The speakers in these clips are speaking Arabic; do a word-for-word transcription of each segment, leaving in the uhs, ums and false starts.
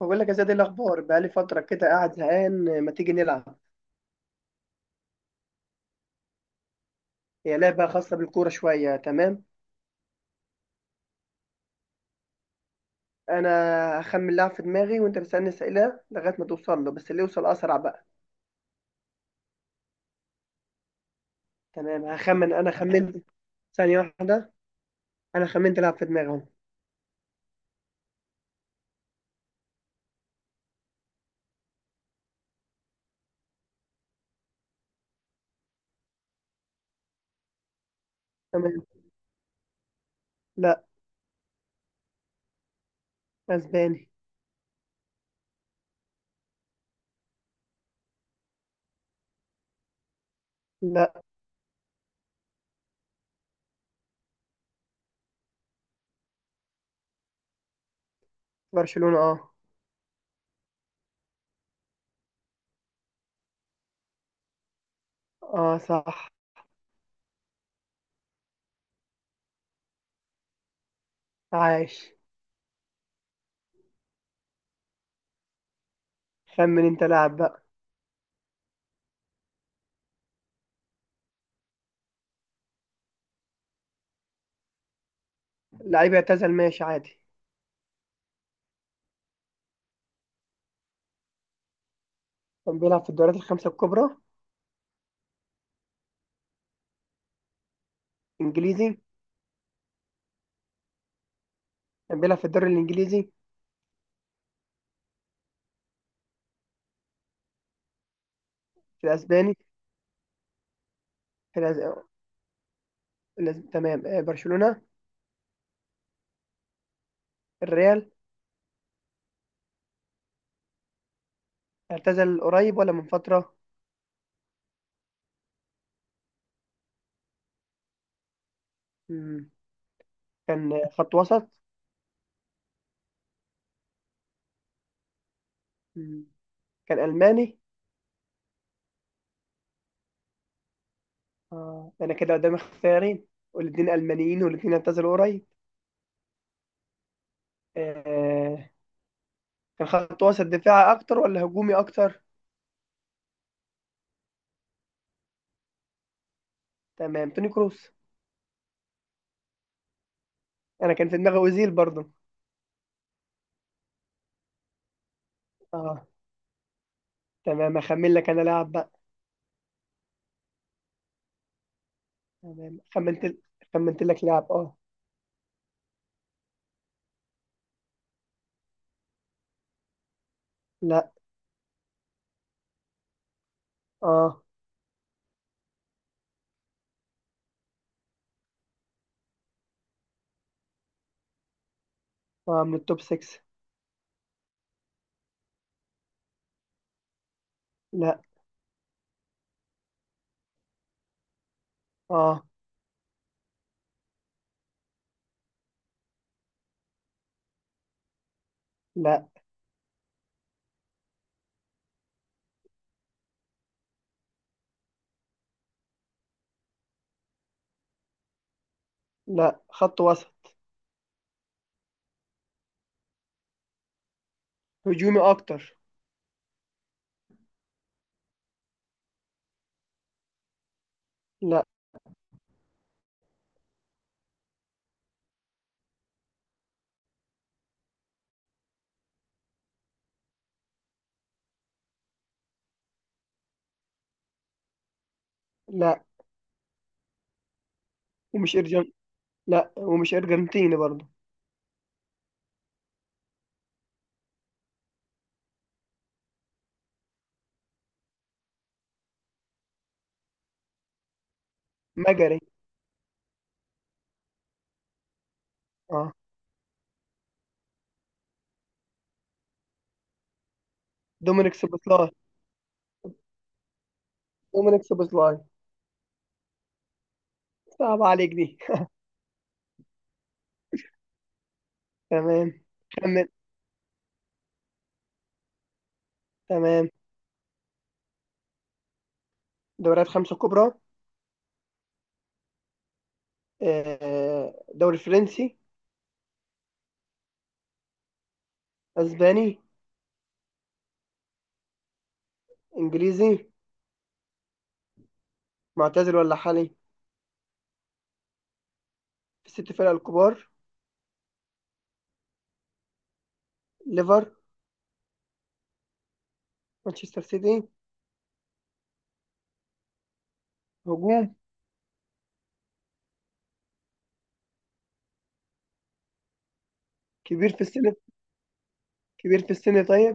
بقول لك يا زياد، إيه الاخبار؟ بقالي فتره كده قاعد زهقان. ما تيجي نلعب؟ هي لعبه خاصه بالكوره شويه. تمام. انا هخمن لاعب في دماغي وانت تسالني اسئله لغايه ما توصل له، بس اللي يوصل اسرع بقى. تمام هخمن. انا خمنت. ثانيه واحده. انا خمنت لاعب في دماغي اهو. تمام. لا. اسباني. لا. برشلونه اه. اه صح. عايش. خمن انت لاعب بقى. لعيب اعتزل ماشي عادي. كان بيلعب في الدوريات الخمسه الكبرى. انجليزي. كان بيلعب في الدوري الانجليزي. في الاسباني. في الأز... لازم. تمام آه، برشلونة. الريال. اعتزل قريب ولا من فترة؟ مم. كان خط وسط. مم. كان ألماني. آه. أنا كده قدامي اختيارين، والاتنين ألمانيين والاتنين اعتزلوا قريب. آه. كان خط وسط دفاعي أكتر ولا هجومي أكتر؟ تمام، توني كروس. أنا كان في دماغي أوزيل برضه. اه. تمام أخمن لك أنا لاعب بقى. تمام خمنت خمنت لك لاعب اه. لا. اه اه من التوب ستة. لا. اه. لا. لا خط وسط هجومي أكتر. لا. لا ومش ارجن لا ومش ارجنتيني برضه. مجري اه. دومينيك سوبوسلاي. دومينيك سوبوسلاي. صعب عليك دي. تمام. خمن. تمام. دوريات خمسة كبرى. آه، دوري فرنسي. اسباني. انجليزي. معتزل ولا حالي؟ في الست فرق الكبار. ليفر. مانشستر سيتي. هجوم. كبير في السن. كبير في السن طيب.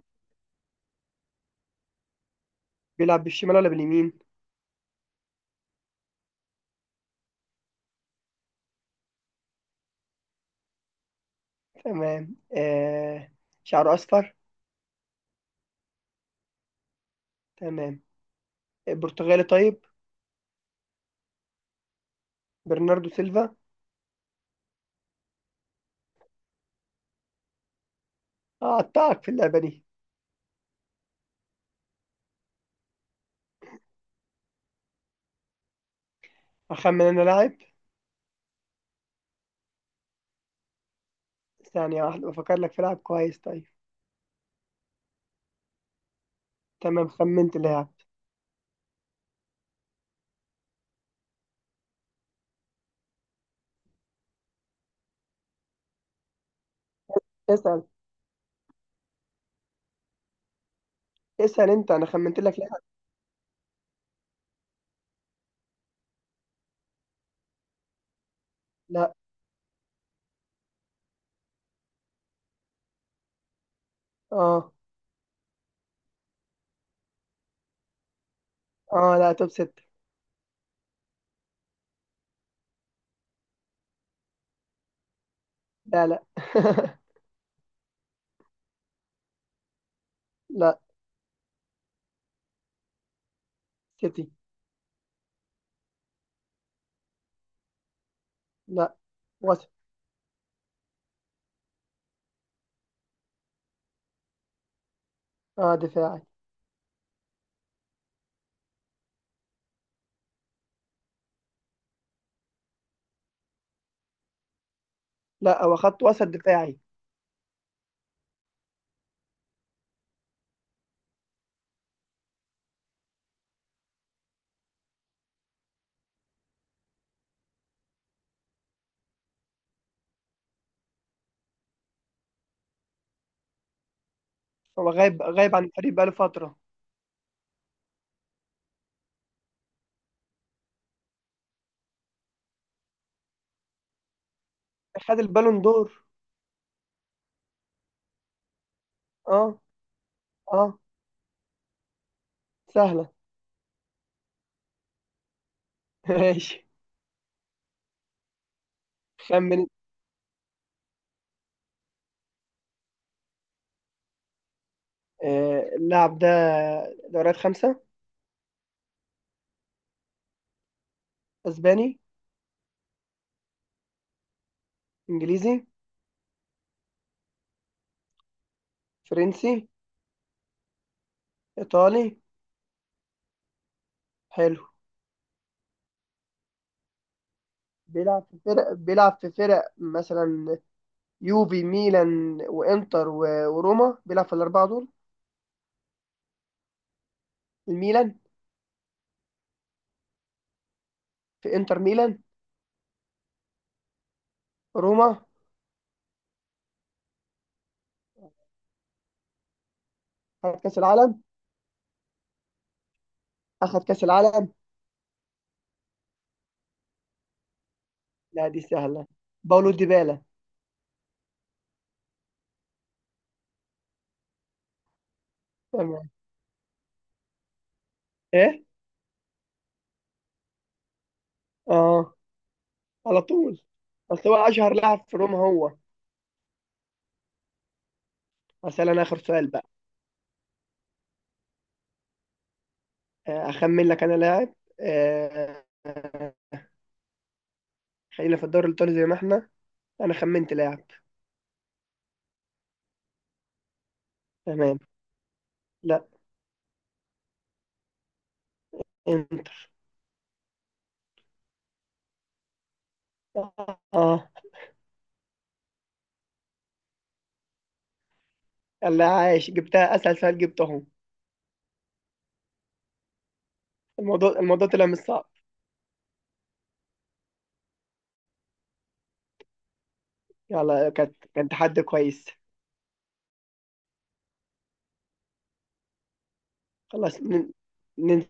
بيلعب بالشمال ولا باليمين؟ تمام آه. شعره اصفر. تمام. آه، برتغالي طيب. برناردو سيلفا. أقطعك في اللعبة دي. أخمن أنا لاعب. ثانية واحدة بفكر لك في لاعب كويس. طيب تمام خمنت لاعب. اسأل. اسأل أنت، أنا خمنت لك لاعب. لا. آه آه. لا توب ست. لا. لا. لا. سيتي. لا. وسط. آه دفاعي. لا هو خط وسط دفاعي. هو غايب غايب عن الفريق بقاله فترة. خد البالون دور. آه. آه. سهلة. ماشي. خمن. آه اللاعب ده، دوريات خمسة. أسباني. إنجليزي. فرنسي. إيطالي. حلو. بيلعب في فرق بيلعب في فرق مثلا، يوفي، ميلان، وانتر، و- وروما. بيلعب في الاربعه دول. الميلان. في انتر ميلان. روما. خد كاس العالم. اخد كاس العالم. لا دي سهله. باولو ديبالا. تمام. ايه. اه، على طول. اصل هو اشهر لاعب في روما هو. اسال انا اخر سؤال بقى. آه، اخمن لك انا لاعب. آه، آه، خلينا في الدوري الايطالي زي ما احنا. انا خمنت لاعب. تمام. لا. انتر. اه آه. يلا عايش، جبتها اسهل سؤال جبتهم. الموضوع الموضوع طلع مش صعب. يلا، كانت كان تحدي كويس. خلاص ن- ننزل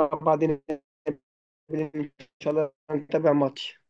مع بعض نقابل ان شاء الله نتابع ماتش.